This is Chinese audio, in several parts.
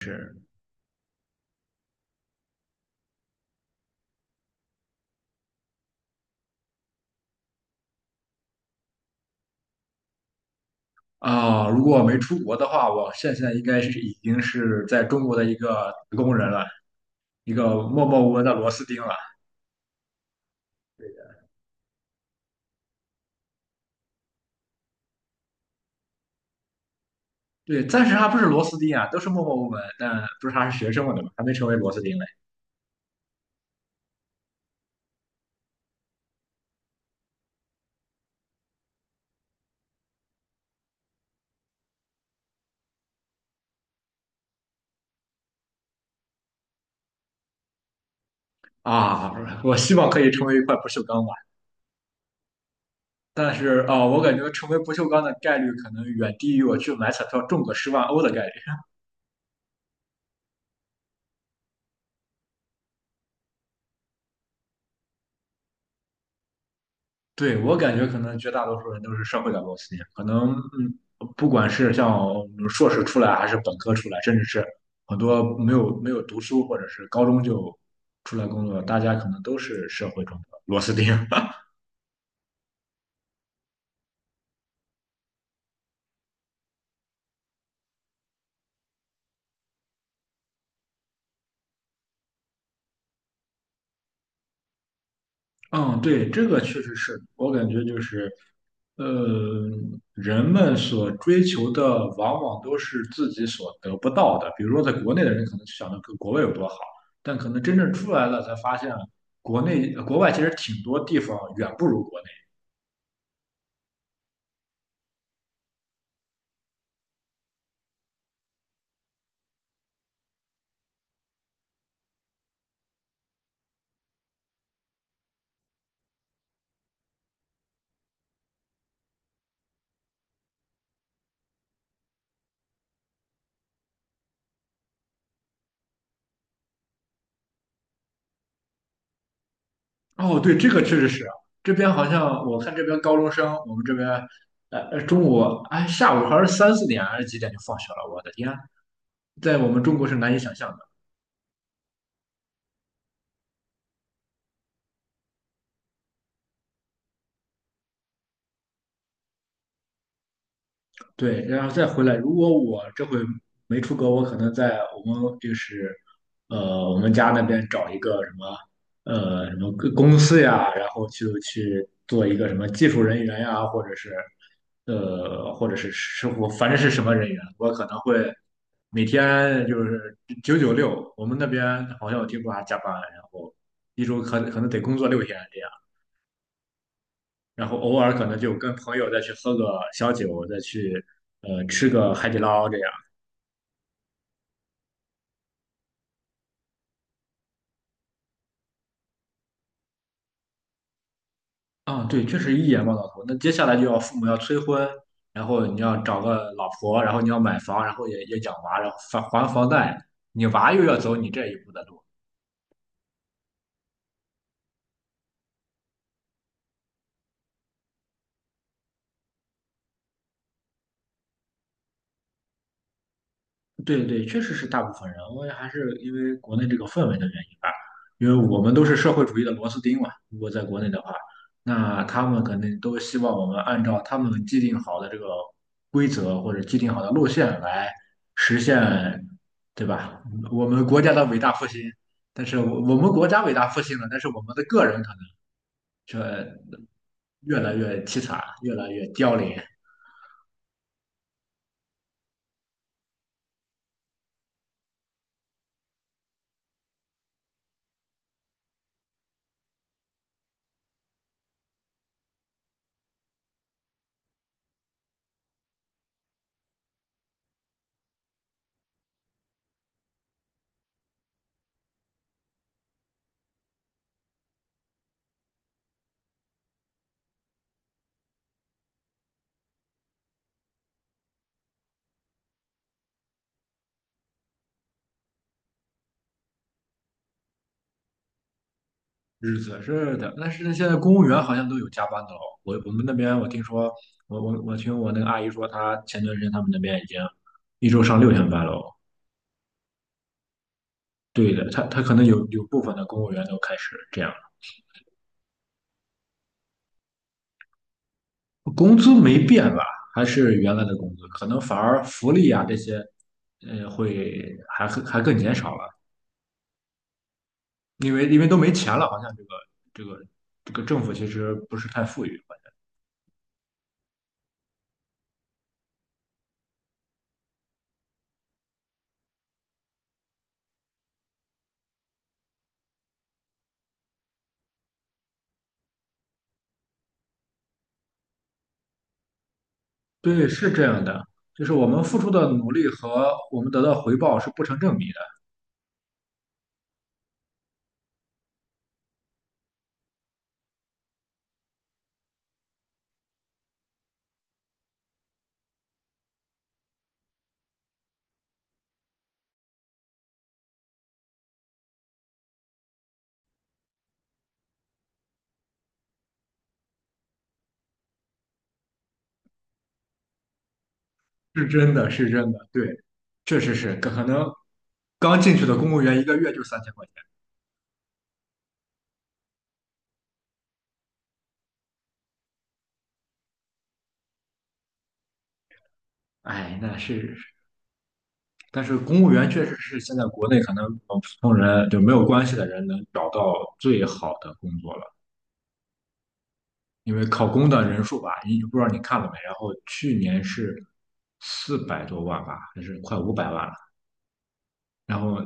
是啊、如果我没出国的话，我现在应该是已经是在中国的一个打工人了，一个默默无闻的螺丝钉了。对，暂时还不是螺丝钉啊，都是默默无闻，但不是还是学生嘛，对吧？还没成为螺丝钉嘞。啊，我希望可以成为一块不锈钢吧，但是啊、我感觉成为不锈钢的概率可能远低于我去买彩票中个10万欧的概率。对，我感觉可能绝大多数人都是社会的螺丝钉。可能嗯不管是像硕士出来，还是本科出来，甚至是很多没有读书，或者是高中就出来工作，大家可能都是社会中的螺丝钉。嗯，对，这个确实是我感觉就是，呃，人们所追求的往往都是自己所得不到的。比如说，在国内的人可能就想着跟国外有多好，但可能真正出来了才发现，国内国外其实挺多地方远不如国内。哦，对，这个确实是啊，这边好像我看这边高中生，我们这边，中午哎下午还是3、4点还是几点就放学了，我的天，在我们中国是难以想象的。对，然后再回来。如果我这回没出国，我可能在我们就是我们家那边找一个什么什么个公司呀，然后就去做一个什么技术人员呀，或者是或者是师傅，反正是什么人员，我可能会每天就是996。我们那边好像我听说还加班，然后一周可能得工作六天这样。然后偶尔可能就跟朋友再去喝个小酒，再去吃个海底捞这样。啊，对，确实一眼望到头。那接下来就要父母要催婚，然后你要找个老婆，然后你要买房，然后也养娃，然后还房贷，你娃又要走你这一步的路。对对，确实是大部分人，我也还是因为国内这个氛围的原因吧，因为我们都是社会主义的螺丝钉嘛。如果在国内的话，那他们肯定都希望我们按照他们既定好的这个规则或者既定好的路线来实现，对吧？我们国家的伟大复兴，但是我们国家伟大复兴了，但是我们的个人可能越来越凄惨，越来越凋零。日子是的，但是现在公务员好像都有加班的了。我们那边我听说，我听我那个阿姨说，她前段时间他们那边已经一周上六天班了。对的，她她可能有部分的公务员都开始这样了，工资没变吧？还是原来的工资，可能反而福利啊这些，会还更减少了，因为都没钱了，好像这个这个这个政府其实不是太富裕。对，是这样的，就是我们付出的努力和我们得到回报是不成正比的，是真的，是真的，对，确实是，可能刚进去的公务员一个月就3000块钱，哎，那是，但是公务员确实是现在国内可能普通人就没有关系的人能找到最好的工作了，因为考公的人数吧，你不知道你看了没，然后去年是400多万吧，还是快五百万了，然后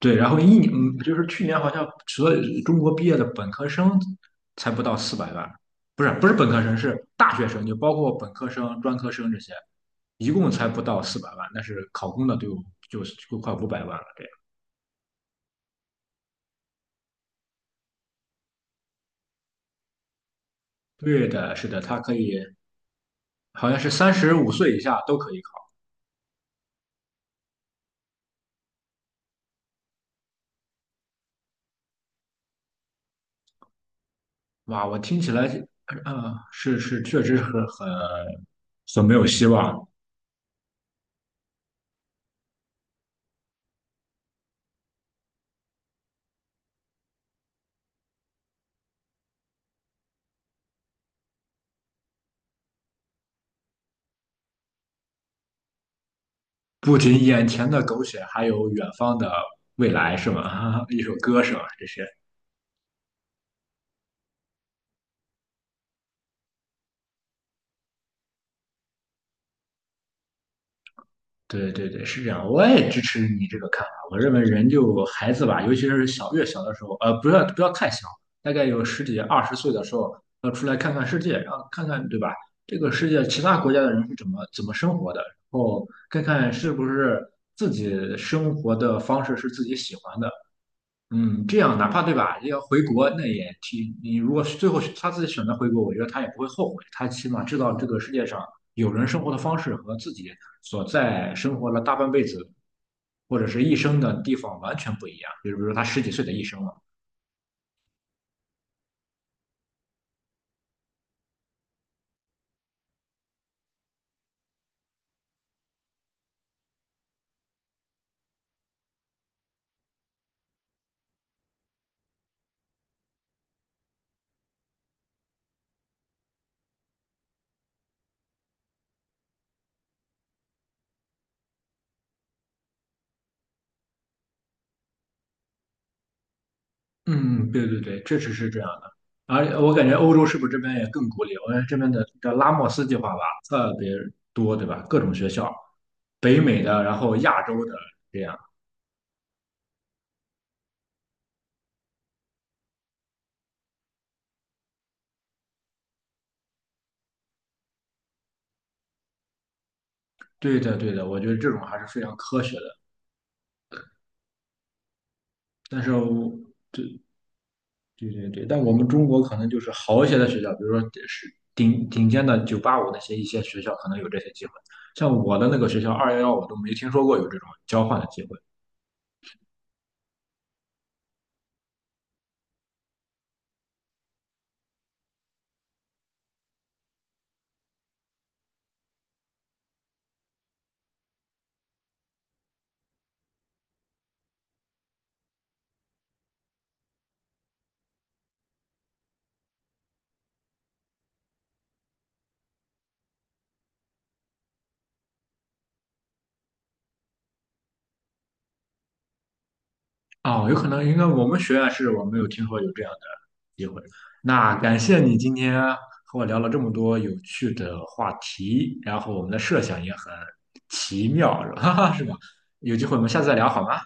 对，然后一年，嗯就是去年好像所有中国毕业的本科生才不到四百万，不是本科生，是大学生，就包括本科生、专科生这些，一共才不到四百万，但是考公的都有就就快五百万了，这样。对的，是的，他可以，好像是35岁以下都可以考。哇，我听起来，是是，确实是很很没有希望。不仅眼前的苟且，还有远方的未来，是吗？一首歌是吗？这些。对对对，是这样，我也支持你这个看法。我认为人就孩子吧，尤其是小越小的时候，不要太小，大概有十几20岁的时候，要出来看看世界，然后看看对吧？这个世界其他国家的人是怎么生活的，然后看看是不是自己生活的方式是自己喜欢的，嗯，这样哪怕对吧，要回国那也挺，你如果是最后是他自己选择回国，我觉得他也不会后悔，他起码知道这个世界上有人生活的方式和自己所在生活了大半辈子或者是一生的地方完全不一样，比如说他十几岁的一生了。嗯，对对对，确实是这样的。而我感觉欧洲是不是这边也更鼓励？我感觉这边的叫拉莫斯计划吧，特别多，对吧？各种学校，北美的，然后亚洲的，这样。对的，对的，我觉得这种还是非常科学的。但是我对对对对，但我们中国可能就是好一些的学校，比如说是顶顶尖的985那些一些学校，可能有这些机会。像我的那个学校211，我都没听说过有这种交换的机会。哦，有可能应该我们学院是我没有听说有这样的机会。那感谢你今天和我聊了这么多有趣的话题，然后我们的设想也很奇妙，哈哈，是吧？有机会我们下次再聊好吗？